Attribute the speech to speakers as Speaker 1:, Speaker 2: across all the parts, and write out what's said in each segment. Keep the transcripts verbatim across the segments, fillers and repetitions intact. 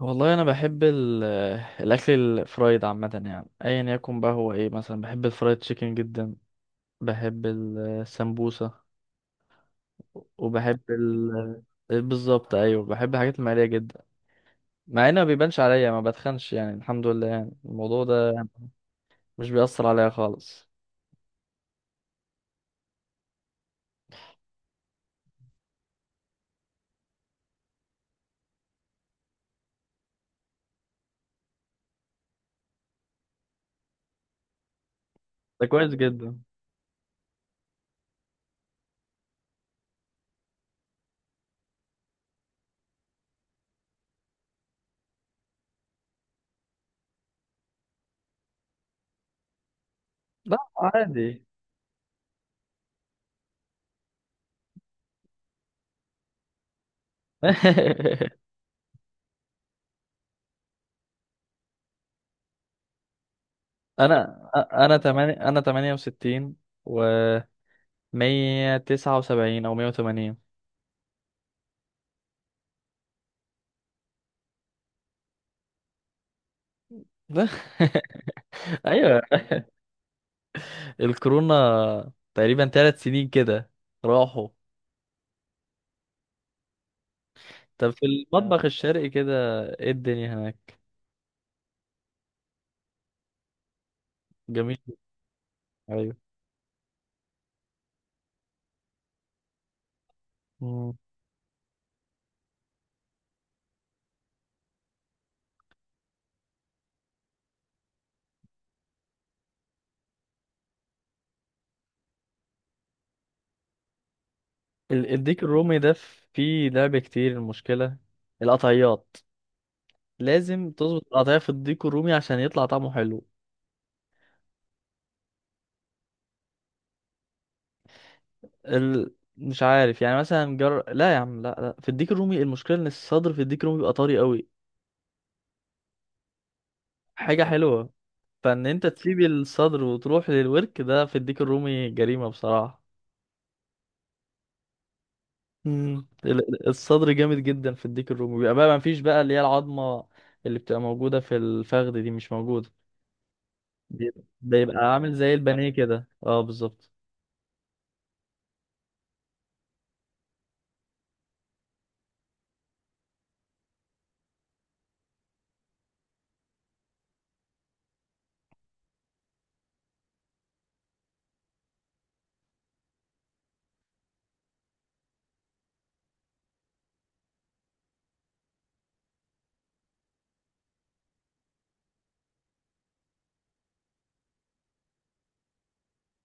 Speaker 1: والله انا بحب ال- آه، الاكل الفرايد عامه يعني ايا يكن بقى هو ايه مثلا بحب الفرايد تشيكن جدا. بحب السمبوسه. وبحب ال بالظبط ايوه بحب الحاجات المقليه جدا، مع انه ما بيبانش عليا ما بتخنش يعني الحمد لله يعني الموضوع ده مش بيأثر عليا خالص. ده كويس جدا. لا عادي. انا انا تمانية انا تمانية وستين و مئة وتسعة وسبعين او مئة وثمانين. ايوه الكورونا تقريبا ثلاث سنين كده راحوا. طب في المطبخ آه. الشرقي كده ايه الدنيا هناك. جميل. ايوه. مم. ال- الديك الرومي ده فيه لعب كتير، المشكلة القطعيات، لازم تظبط القطعية في الديك الرومي عشان يطلع طعمه حلو. ال... مش عارف، يعني مثلا جر... لا يا عم، لا لا، في الديك الرومي المشكلة ان الصدر في الديك الرومي بيبقى طري قوي. حاجة حلوة. فان انت تسيب الصدر وتروح للورك ده في الديك الرومي جريمة بصراحة. مم. ال- الصدر جامد جدا في الديك الرومي، بيبقى بقى ما فيش بقى اللي هي العظمه اللي بتبقى موجوده في الفخذ دي مش موجوده. بيبقى بيبقى عامل زي البانيه كده، اه بالظبط.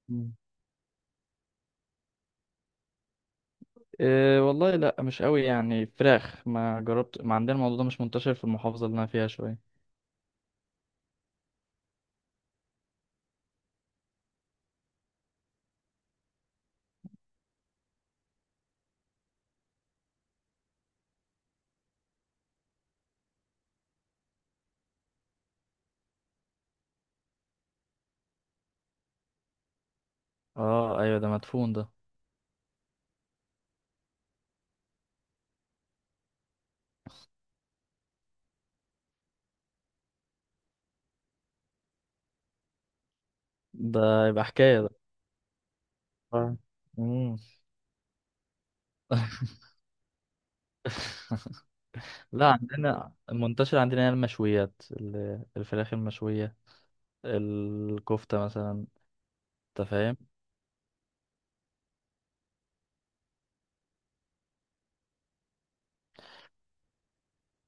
Speaker 1: مم. إيه والله لا مش قوي يعني فراخ، ما جربت، ما عندنا الموضوع ده مش منتشر في المحافظة اللي أنا فيها شوية. اه ايوه، ده مدفون ده. ده يبقى حكايه ده. آه. مم. لا عندنا المنتشر عندنا هي المشويات، ال- الفراخ المشويه، الكفته مثلا. انت فاهم.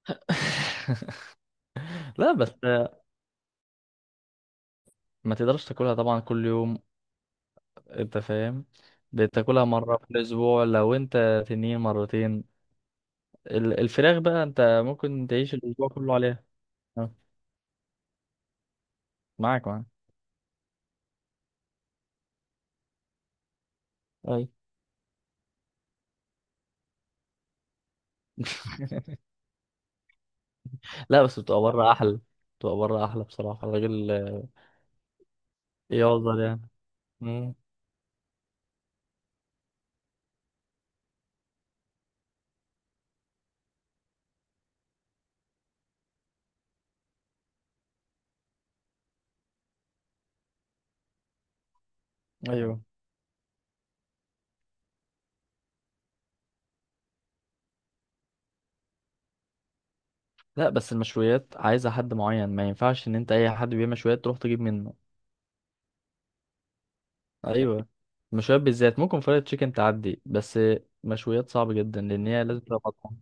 Speaker 1: لا بس ما تقدرش تاكلها طبعا كل يوم، انت فاهم، بتاكلها مرة في الأسبوع، لو انت تنين مرتين. ال- الفراخ بقى انت ممكن تعيش الأسبوع كله عليها. اه، معاك معاك. أي. لا بس بتبقى بره أحلى، بتبقى بره أحلى بصراحة. الراجل اه، يقدر يعني. مم. أيوه. لا بس المشويات عايزة حد معين، ما ينفعش إن أنت أي حد بيعمل مشويات تروح تجيب منه. ايوه، مشويات بالذات ممكن فرايد تشيكن تعدي، بس مشويات صعب جدا لان هي لازم تبقى مطحونة.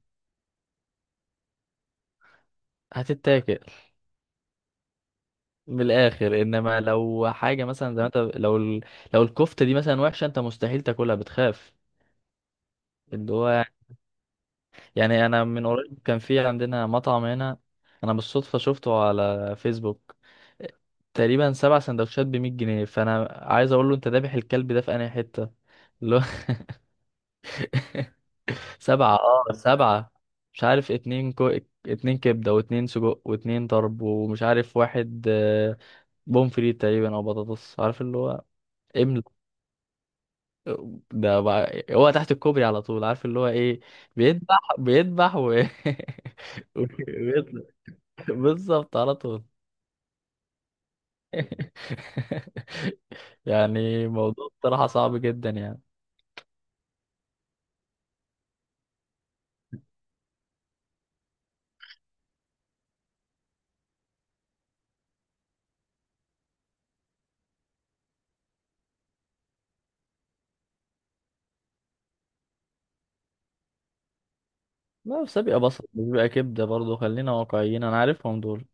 Speaker 1: هتتاكل من الاخر. انما لو حاجه مثلا زي ما انت، لو ال... لو الكفته دي مثلا وحشه، انت مستحيل تاكلها، بتخاف. اللي هو، يعني انا من قريب كان في عندنا مطعم هنا، انا بالصدفه شفته على فيسبوك، تقريبا سبع سندوتشات ب مية جنيه، فانا عايز اقول له انت ذابح الكلب ده في انهي حته. سبعة اه سبعة، مش عارف، اتنين كو... اتنين كبدة واتنين سجق واتنين طرب ومش عارف واحد آه، بومفريت تقريبا او بطاطس، عارف اللي هو. امل. ده بقى... هو تحت الكوبري على طول، عارف اللي هو ايه. بيذبح بيذبح و... وبيطلع. بالظبط على طول. يعني موضوع بصراحة صعب جدا يعني. لا بس بيبقى بصل، مش بيبقى كبدة برضه، خلينا واقعيين، انا عارفهم دول.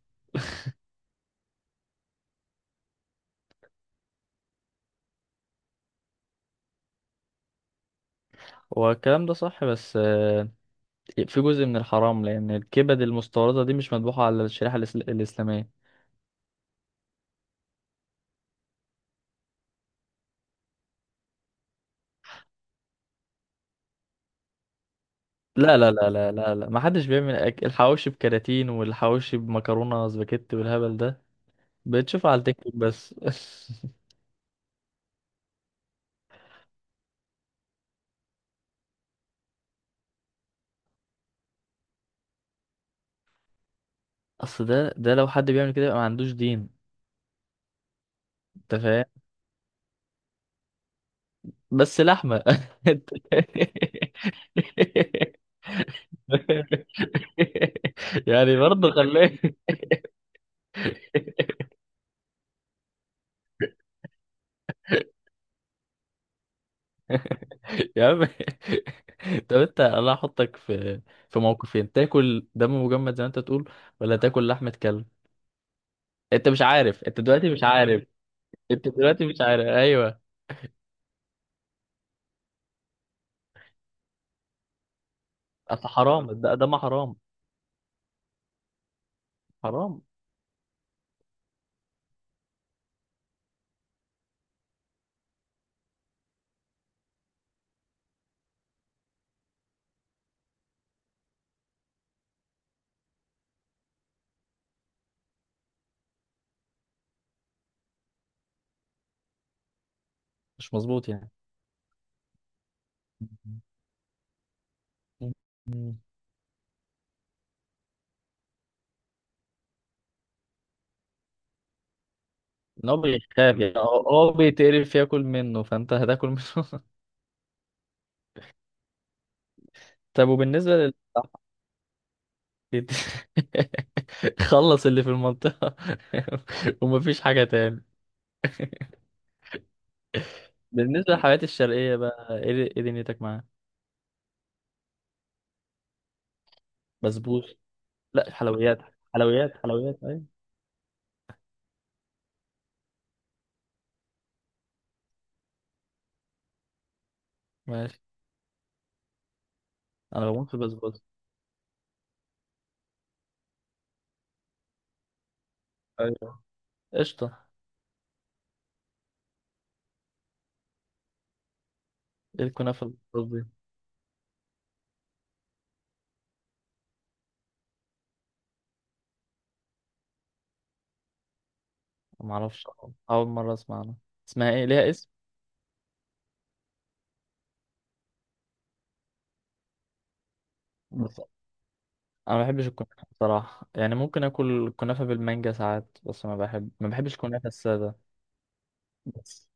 Speaker 1: هو الكلام ده صح بس آه، في جزء من الحرام لأن الكبد المستوردة دي مش مذبوحة على الشريحة الإسل- الإسلامية. لا لا لا لا لا لا، ما حدش بيعمل أك... الحواوشي بكراتين والحواوشي بمكرونة سباكيتي والهبل ده بتشوفه على التيك توك بس. أصل ده ده لو حد بيعمل كده يبقى ما عندوش دين. أنت فاهم. بس لحمة أنت- يعني برضه خليه. يا عم. طب انت الله احطك في في موقفين، تاكل دم مجمد زي ما انت تقول، ولا تاكل لحمة كلب. انت مش عارف، انت دلوقتي مش عارف، انت دلوقتي مش عارف. ايوه. اصل حرام، ده دم حرام، حرام. مش مظبوط يعني. مم. ان هو بيخاف يعني، هو هو بيتقرف ياكل منه، فانت هتاكل منه. طب وبالنسبة لل خلص اللي في المنطقة. ومفيش حاجة تاني. بالنسبة للحلويات الشرقية بقى ايه، ايه دنيتك معاها؟ بسبوس. لا حلويات، حلويات حلويات ايوه. ماشي. انا بموت في البسبوسه. ايوه قشطه. ايه الكنافه بالبسبوس دي؟ ما اعرفش، اول مره اسمع عنها، اسمها ايه، ليها اسم؟ بس انا ما بحبش الكنافه بصراحه يعني، ممكن اكل الكنافه بالمانجا ساعات، بس ما بحب ما بحبش الكنافه الساده بس.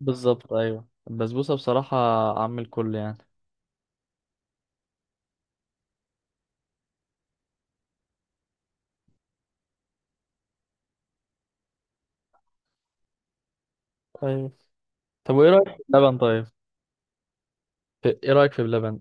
Speaker 1: بالظبط ايوه البسبوسه بصراحه عم الكل يعني. ايوه. طب وايه رايك في اللبن طيب، في- ايه رايك في اللبن؟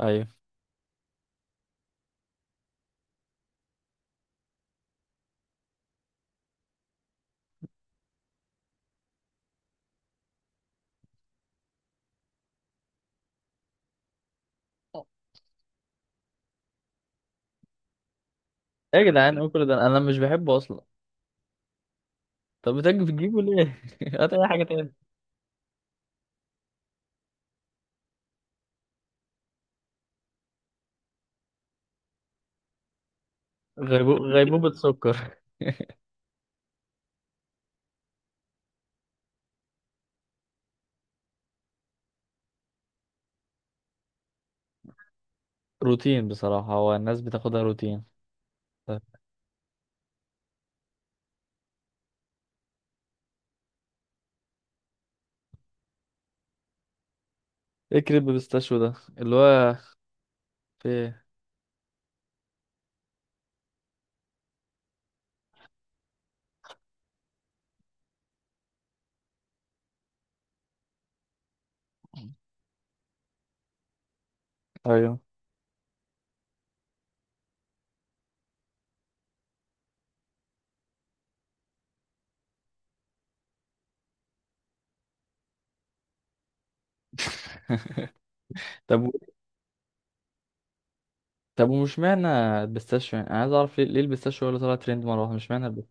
Speaker 1: ايوه. ايه يا جدعان ايه كل ده، انا مش بحبه اصلا. طب بتجيب بتجيبه ليه؟ هات أي حاجة تاني. غيبو... غيبوبة سكر. روتين بصراحة، هو الناس بتاخدها روتين. طيب. ايه كريب بيستاشيو ده اللي هو في إيه؟ ايوه. طب طب، ومش معنى البيستاشيو يعني، انا عايز اعرف ليه ليه البيستاشيو، ولا طلع ترند مره واحده؟ مش معنى الب...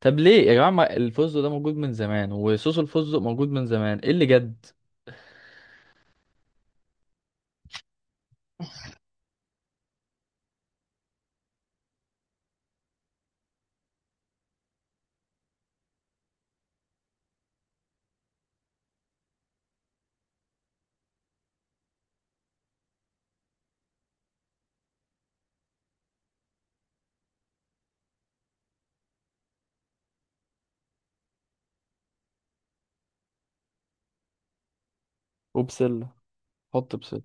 Speaker 1: طب ليه يا جماعه، ما الفستق ده موجود من زمان وصوص الفستق موجود من زمان، ايه اللي جد. وبسله. حط بسله.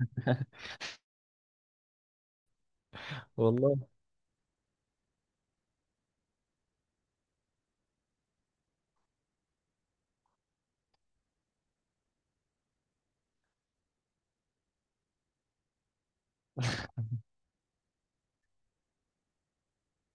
Speaker 1: والله.